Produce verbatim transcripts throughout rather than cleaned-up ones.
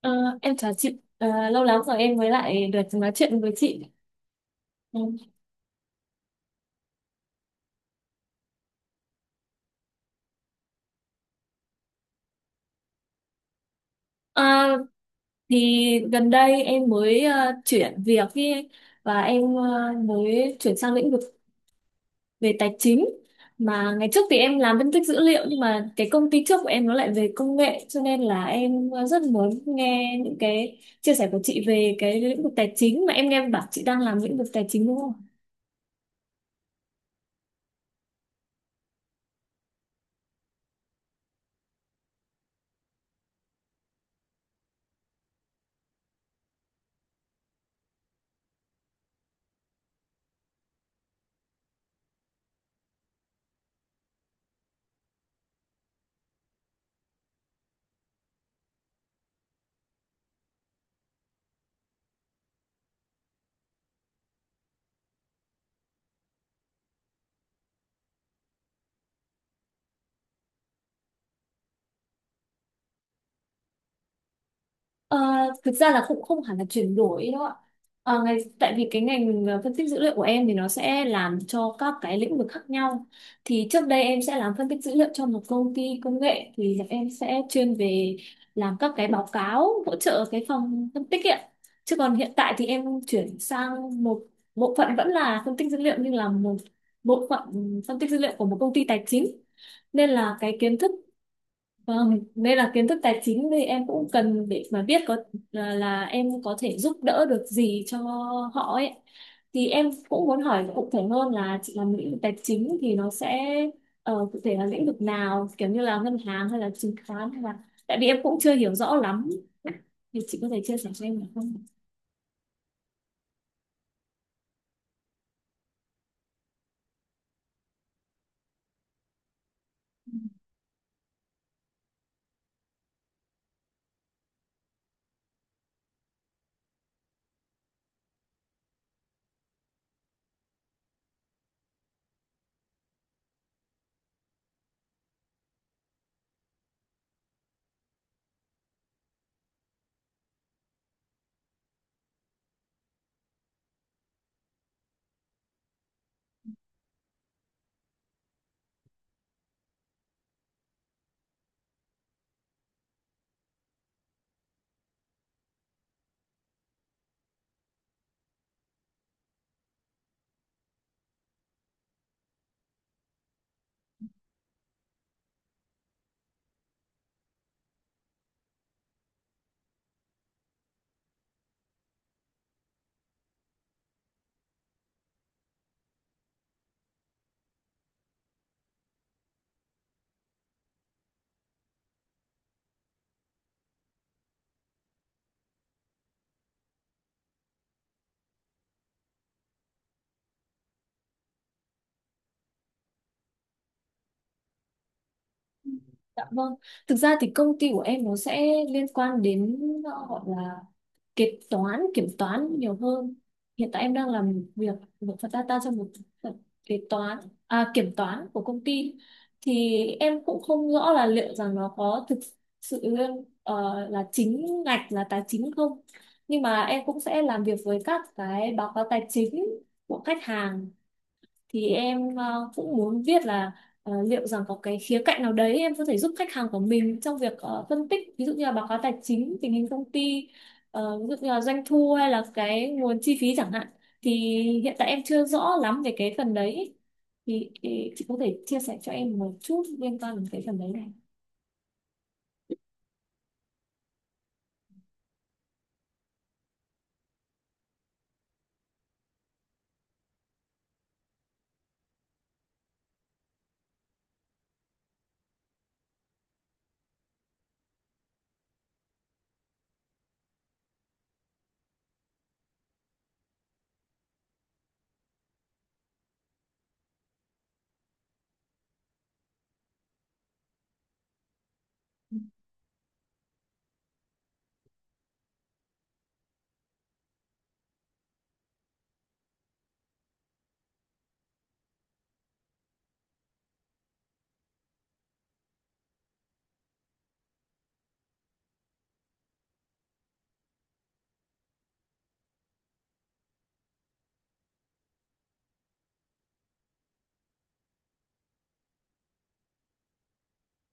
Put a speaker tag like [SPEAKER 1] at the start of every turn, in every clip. [SPEAKER 1] Ờ, em chào chị. Ờ, Lâu lắm rồi em mới lại được nói chuyện với chị. Ừ. Ờ, thì gần đây em mới ờ, chuyển việc ý, và em ờ, mới chuyển sang lĩnh vực về tài chính, mà ngày trước thì em làm phân tích dữ liệu, nhưng mà cái công ty trước của em nó lại về công nghệ, cho nên là em ờ, rất muốn nghe những cái chia sẻ của chị về cái lĩnh vực tài chính, mà em nghe bảo chị đang làm lĩnh vực tài chính, đúng không? Ờ, Thực ra là cũng không hẳn là chuyển đổi đâu ạ. Ờ, ngày, tại vì cái ngành ờ, phân tích dữ liệu của em thì nó sẽ làm cho các cái lĩnh vực khác nhau. Thì trước đây em sẽ làm phân tích dữ liệu cho một công ty công nghệ, thì là em sẽ chuyên về làm các cái báo cáo hỗ trợ cái phòng phân tích ạ. Chứ còn hiện tại thì em chuyển sang một bộ phận vẫn là phân tích dữ liệu, nhưng là một bộ phận phân tích dữ liệu của một công ty tài chính. Nên là cái kiến thức. Vâng, đây là kiến thức tài chính thì em cũng cần để mà biết có là, là em có thể giúp đỡ được gì cho họ ấy. Thì em cũng muốn hỏi cụ thể hơn là chị làm lĩnh vực tài chính thì nó sẽ ờ, cụ thể là lĩnh vực nào, kiểu như là ngân hàng hay là chứng khoán hay là, tại vì em cũng chưa hiểu rõ lắm. Thì chị có thể chia sẻ cho em được không? Dạ vâng. Thực ra thì công ty của em nó sẽ liên quan đến, ờ, gọi là kế toán kiểm toán nhiều hơn. Hiện tại em đang làm việc một phần data cho một phần kế toán, à, kiểm toán của công ty, thì em cũng không rõ là liệu rằng nó có thực sự ờ, là chính ngạch là tài chính không, nhưng mà em cũng sẽ làm việc với các cái báo cáo tài chính của khách hàng. Thì em ờ, cũng muốn viết là, ờ, liệu rằng có cái khía cạnh nào đấy em có thể giúp khách hàng của mình trong việc ờ, phân tích, ví dụ như là báo cáo tài chính, tình hình công ty, ờ, ví dụ như là doanh thu hay là cái nguồn chi phí chẳng hạn. Thì hiện tại em chưa rõ lắm về cái phần đấy, thì ý, chị có thể chia sẻ cho em một chút liên quan đến cái phần đấy này?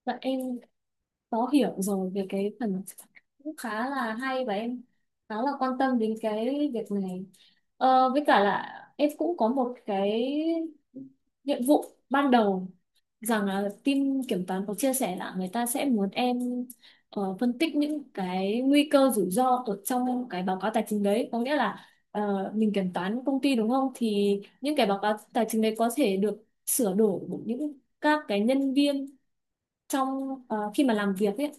[SPEAKER 1] Dạ em có hiểu rồi về cái phần, cũng khá là hay và em khá là quan tâm đến cái việc này. Ờ, với cả là em cũng có một cái nhiệm vụ ban đầu rằng là team kiểm toán có chia sẻ là người ta sẽ muốn em ờ, phân tích những cái nguy cơ rủi ro ở trong cái báo cáo tài chính đấy. Có nghĩa là ờ, mình kiểm toán công ty, đúng không, thì những cái báo cáo tài chính đấy có thể được sửa đổi bởi những các cái nhân viên trong ờ, khi mà làm việc ấy.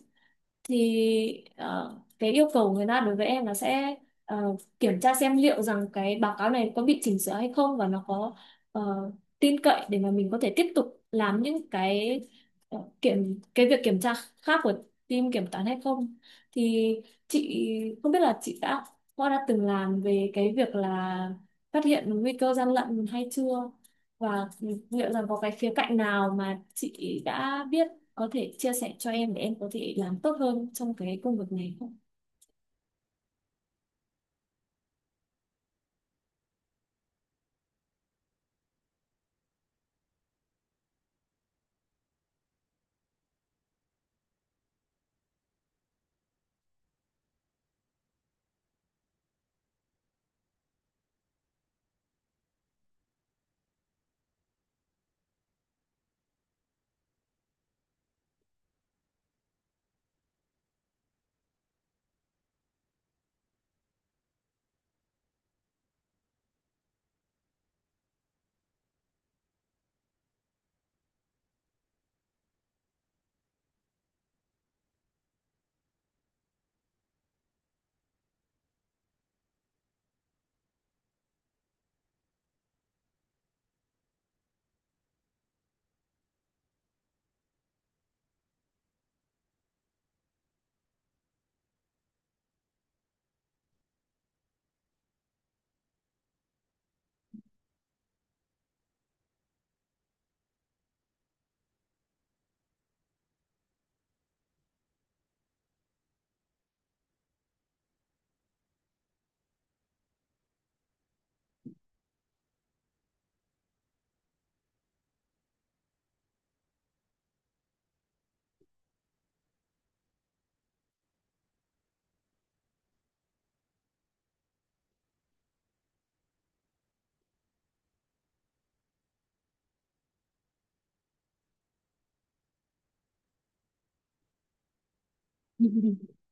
[SPEAKER 1] Thì ờ, cái yêu cầu người ta đối với em là sẽ ờ, kiểm tra xem liệu rằng cái báo cáo này có bị chỉnh sửa hay không, và nó có ờ, tin cậy để mà mình có thể tiếp tục làm những cái ờ, kiểm cái việc kiểm tra khác của team kiểm toán hay không. Thì chị không biết là chị đã có đã từng làm về cái việc là phát hiện nguy cơ gian lận hay chưa, và liệu rằng có cái khía cạnh nào mà chị đã biết có thể chia sẻ cho em để em có thể làm tốt hơn trong cái công việc này không?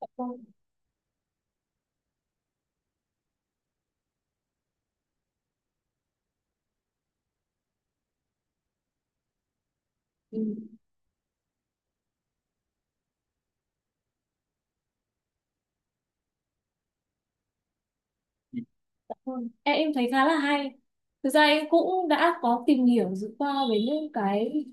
[SPEAKER 1] Ừ, ừ, ừ. Vâng, ừ, dạ vâng. Em em thấy khá là hay. Thực ra em cũng đã có tìm hiểu dự qua về những cái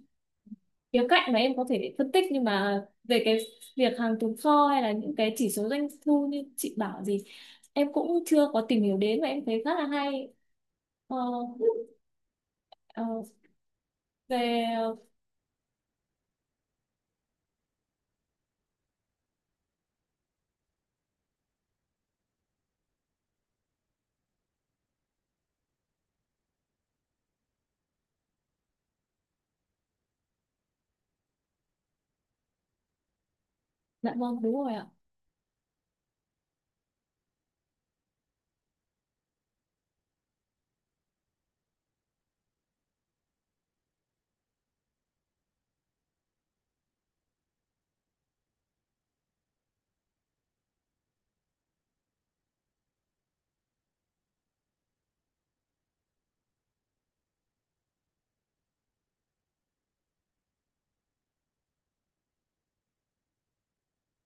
[SPEAKER 1] khía cạnh mà em có thể phân tích, nhưng mà về cái việc hàng tồn kho hay là những cái chỉ số doanh thu như chị bảo gì, em cũng chưa có tìm hiểu đến và em thấy khá là hay. Ờ, ờ, về Dạ vâng, đúng rồi ạ.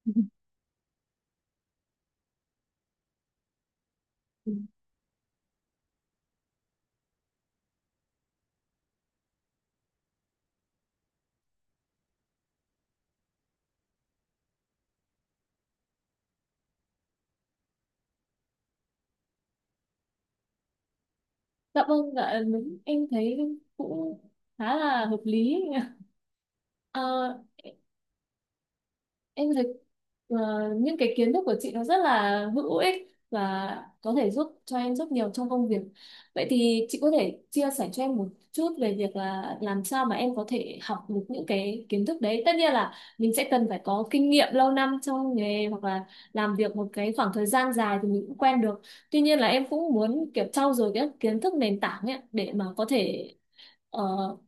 [SPEAKER 1] Ừ, ừ. Ừ. Dạ vâng, dạ đúng, em thấy cũng khá là hợp lý. Ờ, em thấy ờ, những cái kiến thức của chị nó rất là hữu ích và có thể giúp cho em rất nhiều trong công việc. Vậy thì chị có thể chia sẻ cho em một chút về việc là làm sao mà em có thể học được những cái kiến thức đấy. Tất nhiên là mình sẽ cần phải có kinh nghiệm lâu năm trong nghề, hoặc là làm việc một cái khoảng thời gian dài thì mình cũng quen được. Tuy nhiên là em cũng muốn kiểu trau dồi cái kiến thức nền tảng ấy để mà có thể ờ,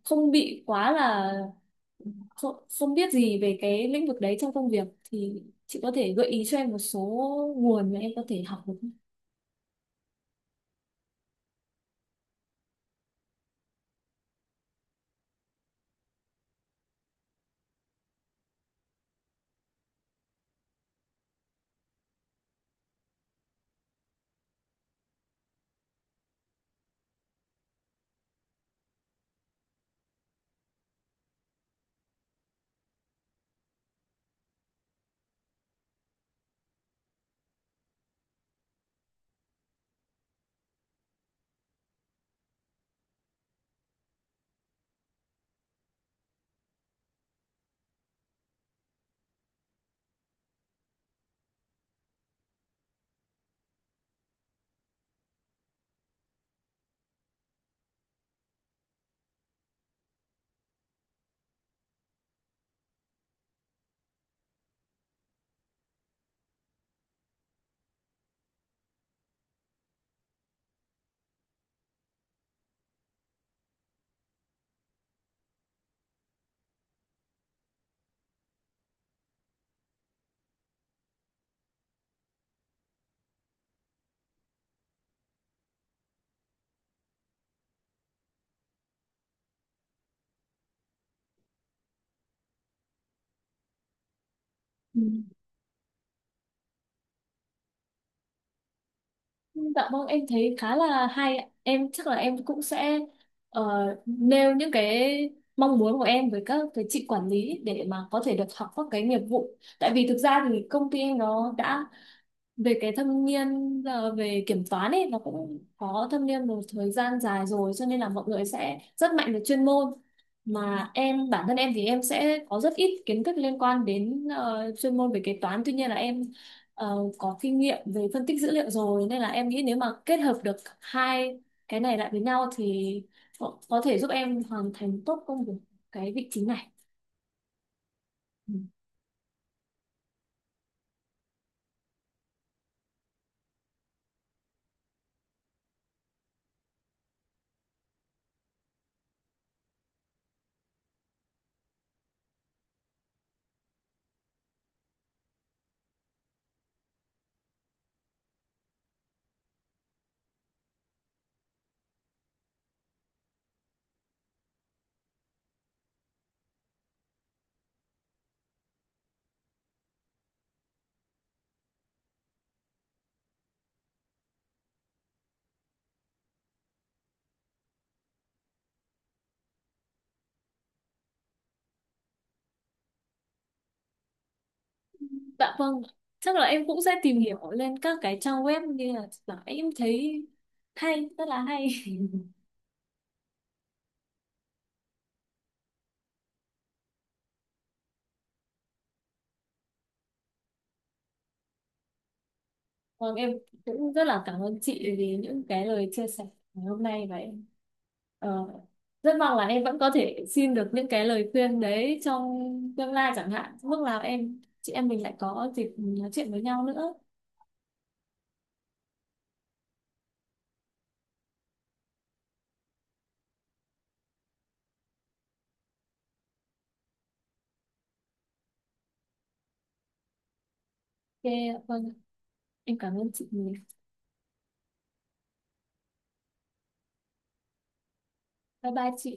[SPEAKER 1] không bị quá là không, không biết gì về cái lĩnh vực đấy trong công việc. Thì chị có thể gợi ý cho em một số nguồn mà em có thể học được không? Ừ. Dạ vâng em thấy khá là hay ạ. Em chắc là em cũng sẽ ờ, nêu những cái mong muốn của em với các cái chị quản lý để mà có thể được học các cái nghiệp vụ, tại vì thực ra thì công ty em nó đã về cái thâm niên, ờ, về kiểm toán ấy, nó cũng có thâm niên một thời gian dài rồi, cho nên là mọi người sẽ rất mạnh về chuyên môn. Mà em bản thân em thì em sẽ có rất ít kiến thức liên quan đến ờ, chuyên môn về kế toán, tuy nhiên là em ờ, có kinh nghiệm về phân tích dữ liệu rồi, nên là em nghĩ nếu mà kết hợp được hai cái này lại với nhau thì có có thể giúp em hoàn thành tốt công việc cái vị trí này. Ừ. Dạ vâng, chắc là em cũng sẽ tìm hiểu lên các cái trang web, như là là em thấy hay, rất là hay. Vâng, em cũng rất là cảm ơn chị vì những cái lời chia sẻ ngày hôm nay, và em ờ, rất mong là em vẫn có thể xin được những cái lời khuyên đấy trong tương lai chẳng hạn. Lúc nào em chị em mình lại có dịp nói chuyện với nhau nữa. Ok, vâng, em cảm ơn chị. Bye bye chị.